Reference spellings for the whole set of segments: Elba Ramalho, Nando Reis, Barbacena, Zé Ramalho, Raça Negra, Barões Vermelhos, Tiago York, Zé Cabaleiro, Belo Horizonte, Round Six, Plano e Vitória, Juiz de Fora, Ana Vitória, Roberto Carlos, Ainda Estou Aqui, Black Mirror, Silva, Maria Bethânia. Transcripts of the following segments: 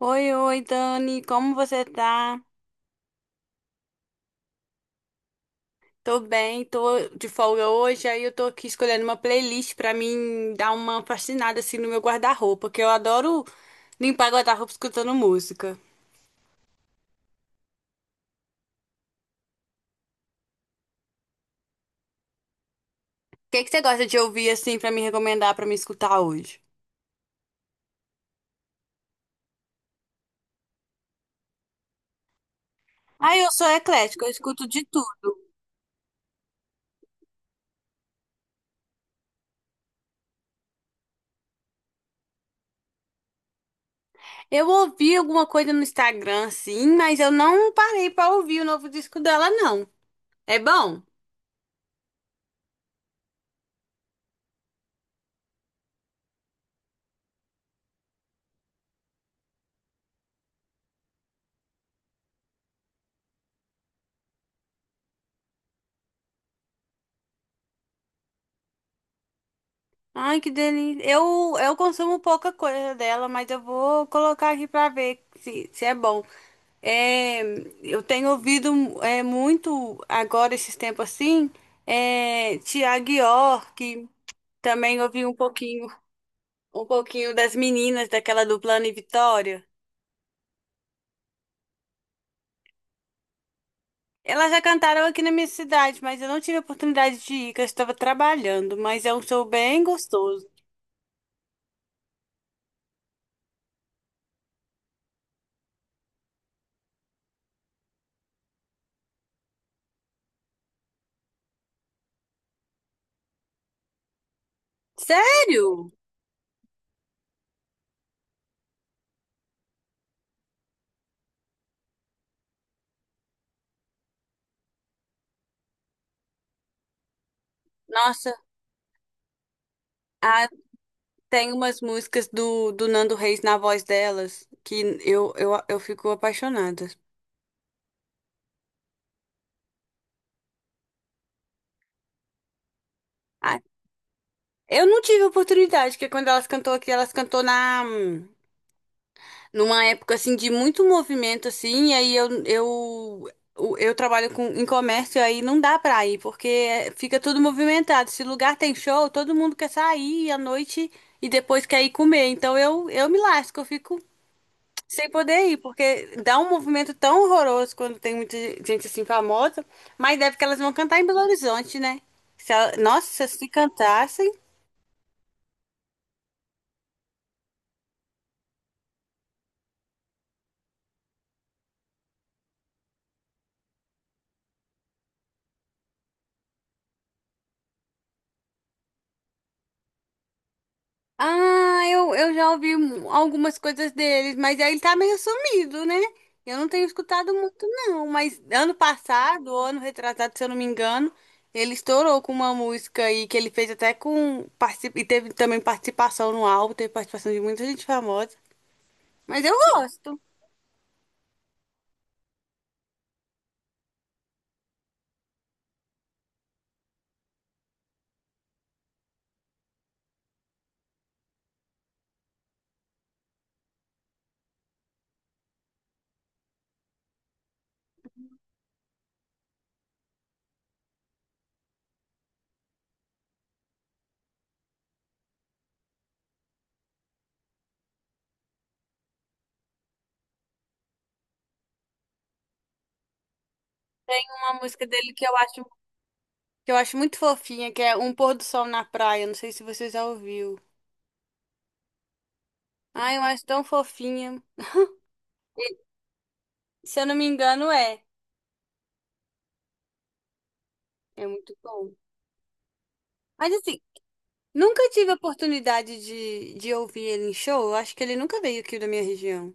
Oi, oi, Dani, como você tá? Tô bem, tô de folga hoje, aí eu tô aqui escolhendo uma playlist pra mim dar uma faxinada assim no meu guarda-roupa, que eu adoro limpar guarda-roupa escutando música. O que que você gosta de ouvir assim pra me recomendar pra me escutar hoje? Ah, eu sou eclética, eu escuto de tudo. Eu ouvi alguma coisa no Instagram, sim, mas eu não parei pra ouvir o novo disco dela, não. É bom? Ai, que delícia. Eu consumo pouca coisa dela, mas eu vou colocar aqui pra ver se é bom. É, eu tenho ouvido muito agora, esses tempos assim, Tiago York, também ouvi um pouquinho das meninas daquela do Plano e Vitória. Elas já cantaram aqui na minha cidade, mas eu não tive a oportunidade de ir, que eu estava trabalhando, mas é um show bem gostoso. Sério? Nossa, tem umas músicas do Nando Reis na voz delas que eu fico apaixonada. Ah, eu não tive oportunidade, porque quando elas cantou aqui, elas cantou na numa época assim de muito movimento assim, e aí eu trabalho com em comércio, aí não dá pra ir, porque fica tudo movimentado. Se lugar tem show, todo mundo quer sair à noite e depois quer ir comer. Então eu me lasco, eu fico sem poder ir, porque dá um movimento tão horroroso quando tem muita gente assim famosa, mas deve que elas vão cantar em Belo Horizonte, né? Se ela- Nossa, se cantassem. Ah, eu já ouvi algumas coisas deles, mas ele tá meio sumido, né? Eu não tenho escutado muito, não. Mas ano passado, ou ano retrasado, se eu não me engano, ele estourou com uma música aí que ele fez até E teve também participação no álbum, teve participação de muita gente famosa. Mas eu gosto. Uma música dele que eu acho muito fofinha, que é Um Pôr do Sol na Praia. Não sei se você já ouviu. Ai, eu acho tão fofinha. E, se eu não me engano, é. É muito bom. Mas assim, nunca tive a oportunidade de ouvir ele em show. Eu acho que ele nunca veio aqui da minha região.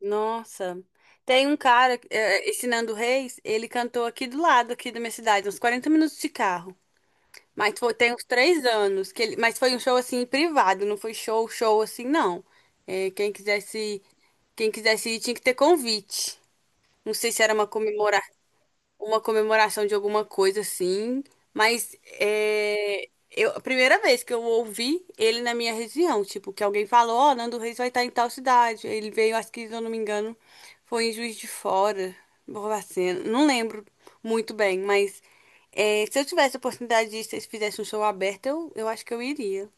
Nossa. Tem um cara, esse Nando Reis, ele cantou aqui do lado, aqui da minha cidade, uns 40 minutos de carro. Mas foi, tem uns 3 anos que ele, mas foi um show assim privado, não foi show, show assim, não. É, quem quisesse ir tinha que ter convite. Não sei se era uma uma comemoração de alguma coisa assim, mas a primeira vez que eu ouvi ele na minha região, tipo, que alguém falou, ó, Nando Reis vai estar em tal cidade. Ele veio, acho que, se eu não me engano, foi em Juiz de Fora, Barbacena, não lembro muito bem, mas se eu tivesse a oportunidade de ir, se eles fizessem um show aberto, eu acho que eu iria.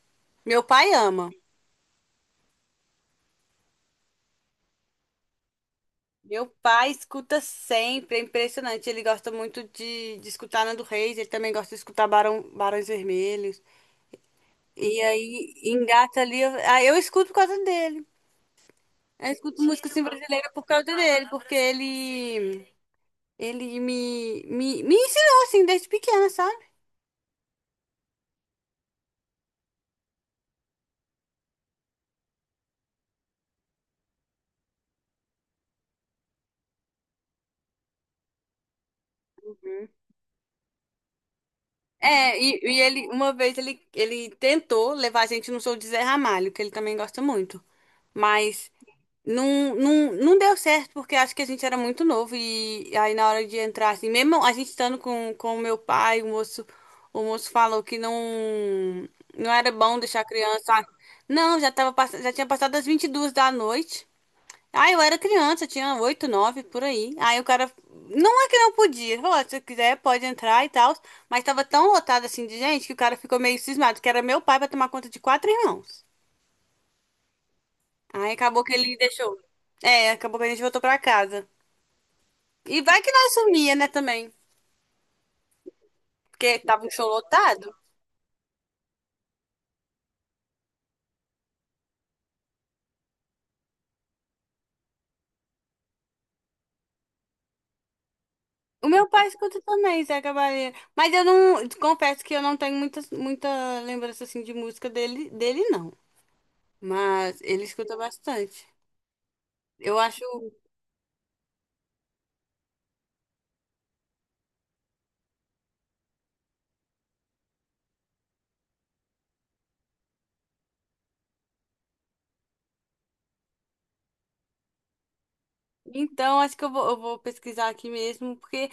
Meu pai ama. Meu pai escuta sempre, é impressionante. Ele gosta muito de escutar Nando Reis, ele também gosta de escutar Barão, Barões Vermelhos. E aí engata ali. Aí eu escuto por causa dele. Eu escuto música assim, brasileira por causa dele, porque ele me ensinou assim desde pequena, sabe? E uma vez ele tentou levar a gente no show de Zé Ramalho, que ele também gosta muito. Mas não, não, não deu certo, porque acho que a gente era muito novo. E aí na hora de entrar, assim, mesmo a gente estando com o meu pai, o moço falou que não, não era bom deixar a criança. Não, já tava, já tinha passado das 22h da noite. Ah, eu era criança, eu tinha 8, 9, por aí. Aí o cara, não é que não podia, falou, "Ó, se você quiser pode entrar e tal, mas tava tão lotado assim de gente que o cara ficou meio cismado, que era meu pai pra tomar conta de quatro irmãos. Aí acabou que ele deixou. É, acabou que a gente voltou pra casa. E vai que nós sumia, né, também, porque tava um show lotado. O meu pai escuta também, Zé Cabaleiro. Mas eu não, confesso que eu não tenho muita, muita lembrança assim de música dele, dele não. Mas ele escuta bastante. Eu acho. Então, acho que eu vou pesquisar aqui mesmo, porque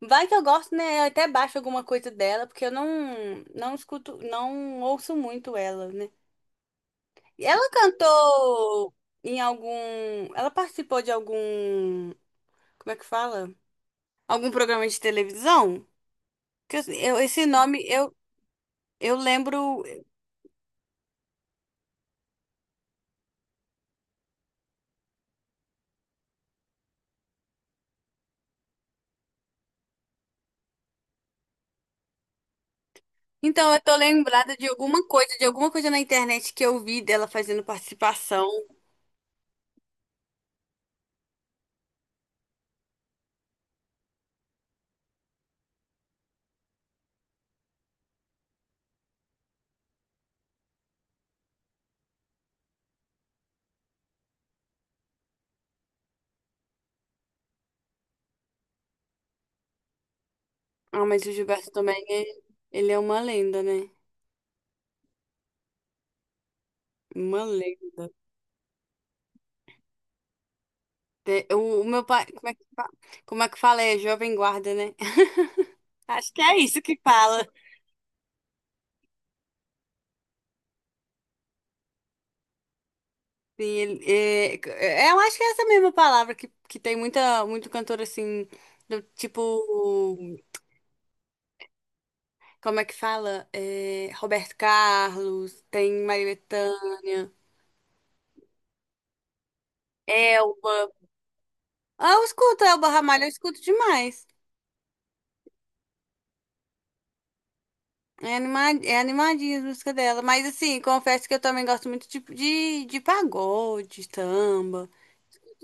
vai que eu gosto, né? Eu até baixo alguma coisa dela, porque eu não, não escuto, não ouço muito ela, né? E ela cantou em algum. Ela participou de algum. Como é que fala? Algum programa de televisão? Esse nome eu lembro. Então, eu tô lembrada de alguma coisa na internet que eu vi dela fazendo participação. Ah, mas o Gilberto também, ele é uma lenda, né? Uma lenda. O meu pai, como é que fala? É Jovem Guarda, né? Acho que é isso que fala. Sim, eu acho que é essa mesma palavra que tem muita, muito cantor assim, do tipo, como é que fala? É, Roberto Carlos, tem Maria Bethânia, Elba. Ah, eu escuto Elba Ramalho, eu escuto demais. É animadinha as músicas dela. Mas assim, confesso que eu também gosto muito tipo de pagode, de samba.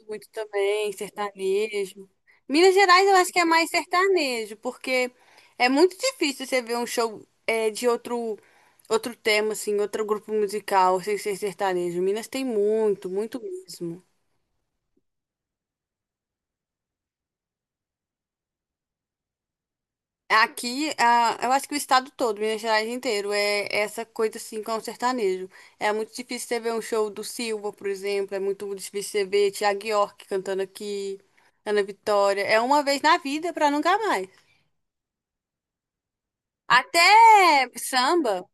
Muito também, sertanejo. Minas Gerais eu acho que é mais sertanejo, porque é muito difícil você ver um show de outro tema, assim, outro grupo musical sem ser sertanejo. Minas tem muito, muito mesmo. Aqui, ah, eu acho que o estado todo, Minas Gerais inteiro, é essa coisa assim com o sertanejo. É muito difícil você ver um show do Silva, por exemplo, é muito difícil você ver Tiago York cantando aqui, Ana Vitória. É uma vez na vida pra nunca mais. Até samba.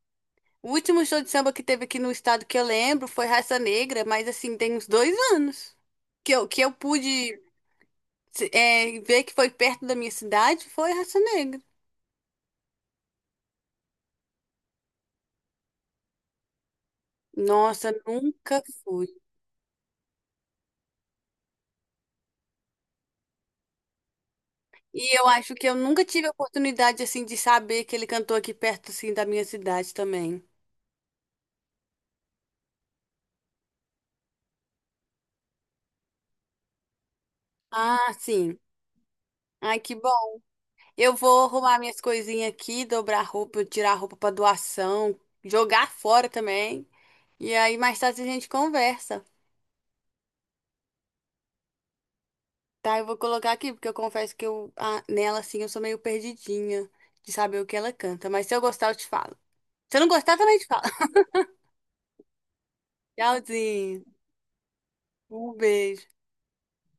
O último show de samba que teve aqui no estado que eu lembro foi Raça Negra, mas assim, tem uns 2 anos que eu pude ver que foi perto da minha cidade, foi Raça Negra. Nossa, nunca fui. E eu acho que eu nunca tive a oportunidade assim de saber que ele cantou aqui perto assim da minha cidade também. Ah, sim. Ai, que bom. Eu vou arrumar minhas coisinhas aqui, dobrar roupa, tirar roupa para doação, jogar fora também. E aí mais tarde a gente conversa, tá? Eu vou colocar aqui, porque eu confesso que nela, assim, eu sou meio perdidinha de saber o que ela canta. Mas se eu gostar, eu te falo. Se eu não gostar, também te falo. Tchauzinho. Um beijo.